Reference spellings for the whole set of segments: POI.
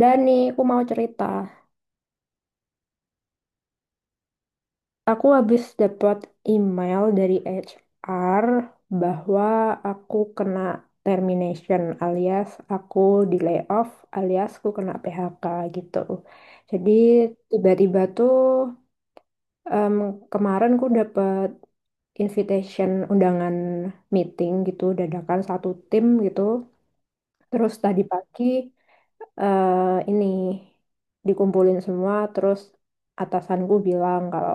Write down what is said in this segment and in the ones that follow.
Dan nih, aku mau cerita. Aku habis dapat email dari HR bahwa aku kena termination alias aku di layoff alias aku kena PHK gitu. Jadi tiba-tiba tuh em, kemarin aku dapat invitation undangan meeting gitu dadakan satu tim gitu. Terus tadi pagi ini dikumpulin semua terus atasanku bilang kalau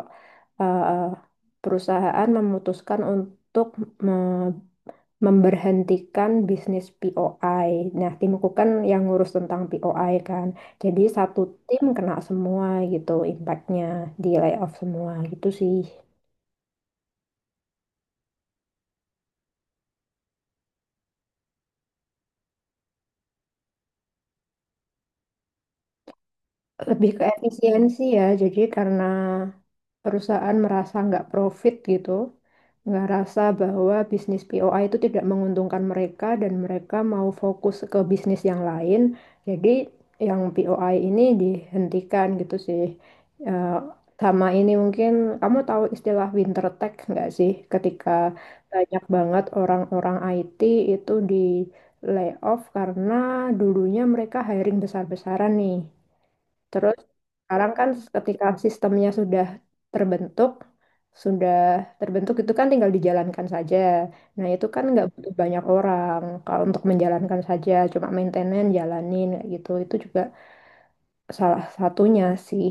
eh, perusahaan memutuskan untuk me- memberhentikan bisnis POI. Nah, timku kan yang ngurus tentang POI kan. Jadi satu tim kena semua gitu impactnya di layoff semua gitu sih. Lebih ke efisiensi ya. Jadi karena perusahaan merasa nggak profit gitu, nggak rasa bahwa bisnis POI itu tidak menguntungkan mereka dan mereka mau fokus ke bisnis yang lain. Jadi yang POI ini dihentikan gitu sih. Eh, sama ini mungkin kamu tahu istilah winter tech nggak sih? Ketika banyak banget orang-orang IT itu di layoff karena dulunya mereka hiring besar-besaran nih. Terus sekarang kan ketika sistemnya terbentuk, sudah terbentuk itu kan tinggal dijalankan saja. Nah itu kan nggak butuh banyak orang kalau untuk menjalankan saja, cuma maintenance jalanin kayak gitu. Itu juga salah satunya sih.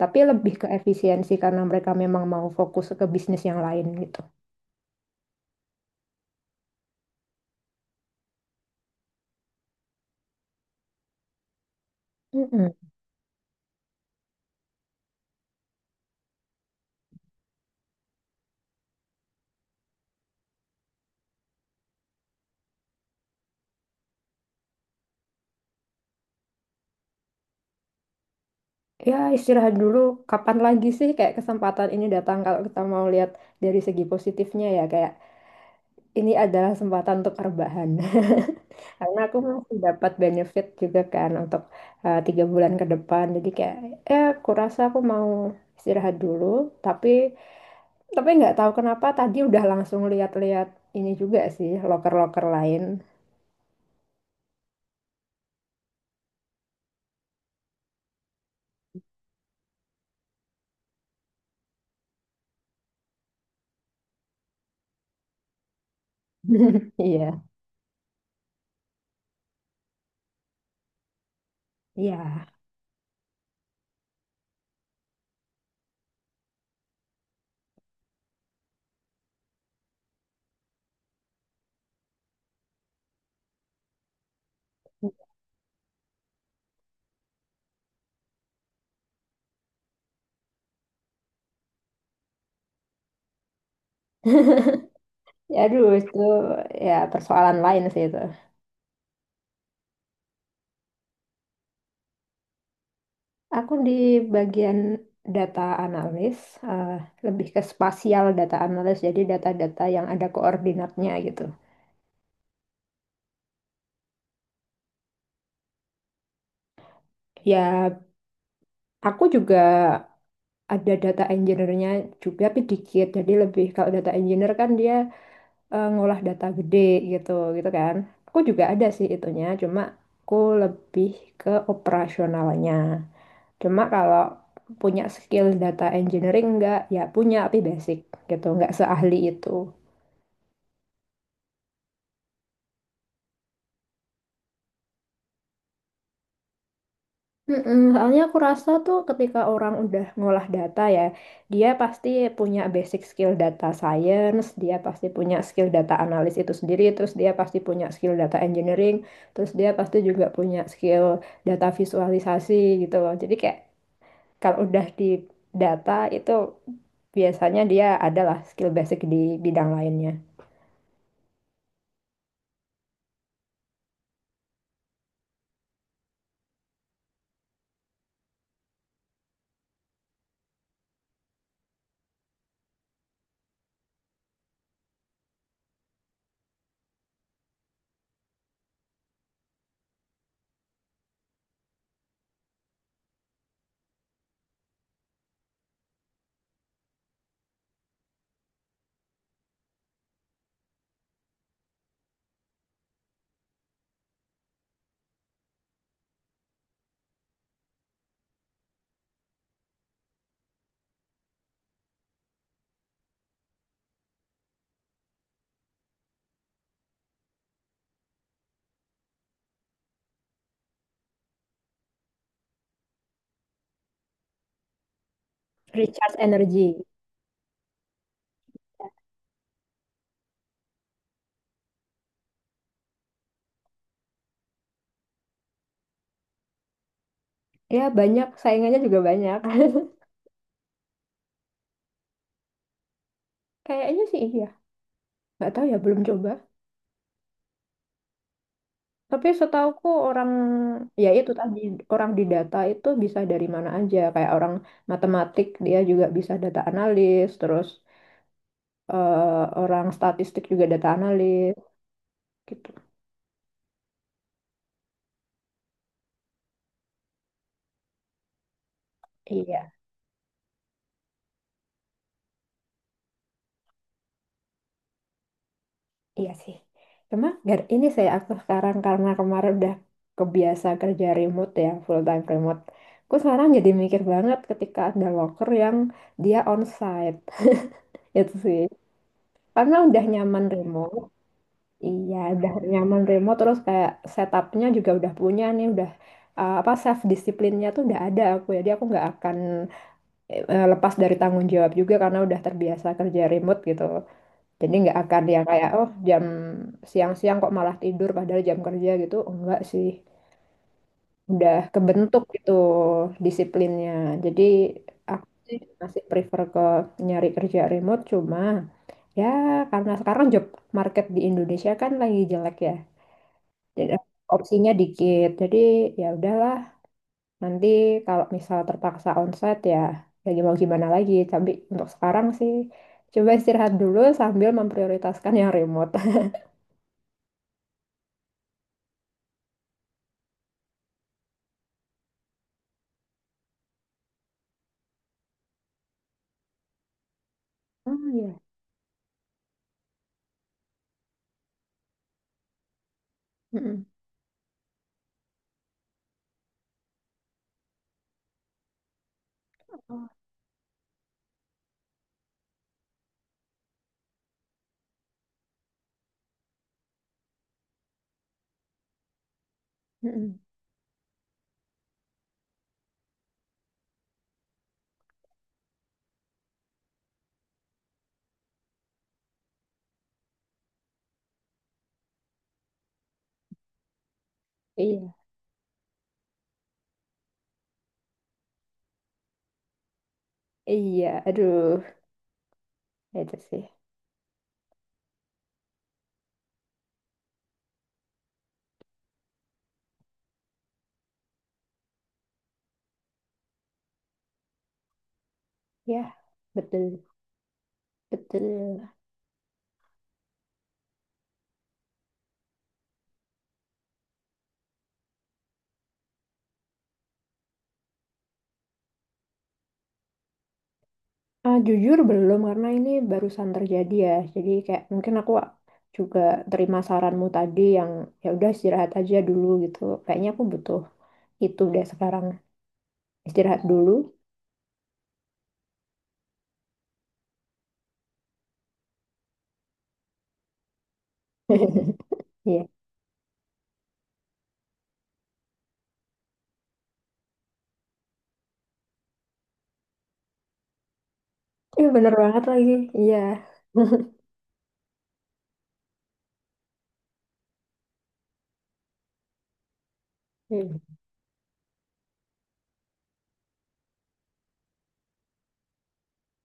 Tapi lebih ke efisiensi karena mereka memang mau fokus ke bisnis yang lain gitu. Mm-mm. Ya istirahat dulu. Kapan lagi sih kayak kesempatan ini datang kalau kita mau lihat dari segi positifnya ya kayak ini adalah kesempatan untuk rebahan. Karena aku masih dapat benefit juga kan untuk tiga bulan ke depan. Jadi kayak, aku rasa aku mau istirahat dulu. Tapi, tapi nggak tahu kenapa tadi udah langsung lihat-lihat ini juga sih, loker-loker lain. Iya, iya. Ya, aduh, itu ya persoalan lain sih itu. Aku di bagian data analis, eh, lebih ke spasial data analis, jadi data-data yang ada koordinatnya gitu. Ya, aku juga ada data engineer-nya juga tapi dikit jadi lebih kalau data engineer kan dia ngolah data gede gitu gitu kan aku juga ada sih itunya cuma aku lebih ke operasionalnya cuma kalau punya skill data engineering enggak ya punya tapi basic gitu nggak seahli itu. Mm-mm, soalnya aku rasa tuh ketika orang udah ngolah data ya, dia pasti punya basic skill data science, dia pasti punya skill data analis itu sendiri, terus dia pasti punya skill data engineering, terus dia pasti juga punya skill data visualisasi gitu loh. Jadi kayak kalau udah di data itu biasanya dia adalah skill basic di bidang lainnya. Recharge energy. Ya banyak, saingannya juga banyak. Kayaknya sih iya. Nggak tahu ya, belum coba. Tapi setauku orang ya itu tadi orang di data itu bisa dari mana aja kayak orang matematik dia juga bisa data analis terus orang statistik juga data analis gitu. Iya, iya sih. Cuma ini aku sekarang karena kemarin udah kebiasa kerja remote ya full time remote. Aku sekarang jadi mikir banget ketika ada worker yang dia onsite itu sih karena udah nyaman remote. Iya, udah nyaman remote terus kayak setupnya juga udah punya nih, udah apa self disiplinnya tuh udah ada aku ya. Jadi aku nggak akan lepas dari tanggung jawab juga karena udah terbiasa kerja remote gitu. Jadi nggak akan yang kayak oh jam siang-siang kok malah tidur padahal jam kerja gitu, enggak sih. Udah kebentuk gitu disiplinnya. Jadi aku sih masih prefer ke nyari kerja remote cuma ya karena sekarang job market di Indonesia kan lagi jelek ya. Jadi, opsinya dikit. Jadi ya udahlah, nanti kalau misal terpaksa onsite ya ya mau gimana lagi. Tapi untuk sekarang sih coba istirahat dulu sambil memprioritaskan yang remote. Oh iya. Mm-mm. Oh. Mm-mm. Iya, iya, aduh, itu sih. Ya, betul, betul. Ah, jujur belum karena ini barusan terjadi ya. Jadi kayak mungkin aku juga terima saranmu tadi yang ya udah istirahat aja dulu gitu. Kayaknya aku butuh itu deh sekarang. Istirahat dulu. Iya. Iya bener banget lagi. Iya. Iya.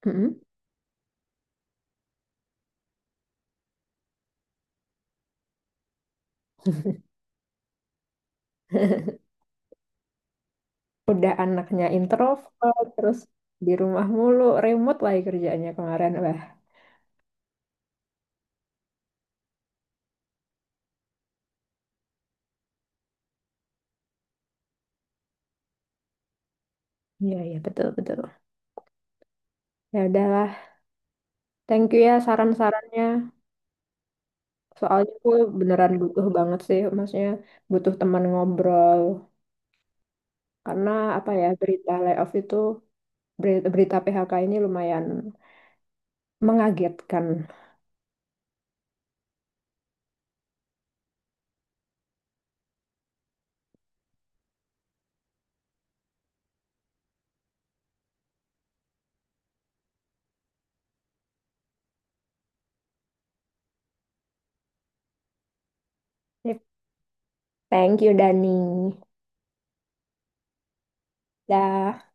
Mm-mm. Udah anaknya introvert terus di rumah mulu, remote lagi kerjaannya kemarin. Wah. Iya, iya betul betul. Ya udahlah. Thank you ya saran-sarannya. Soalnya gue beneran butuh banget sih, maksudnya butuh teman ngobrol. Karena apa ya, berita layoff itu, berita PHK ini lumayan mengagetkan. Thank you, Dani. Dah.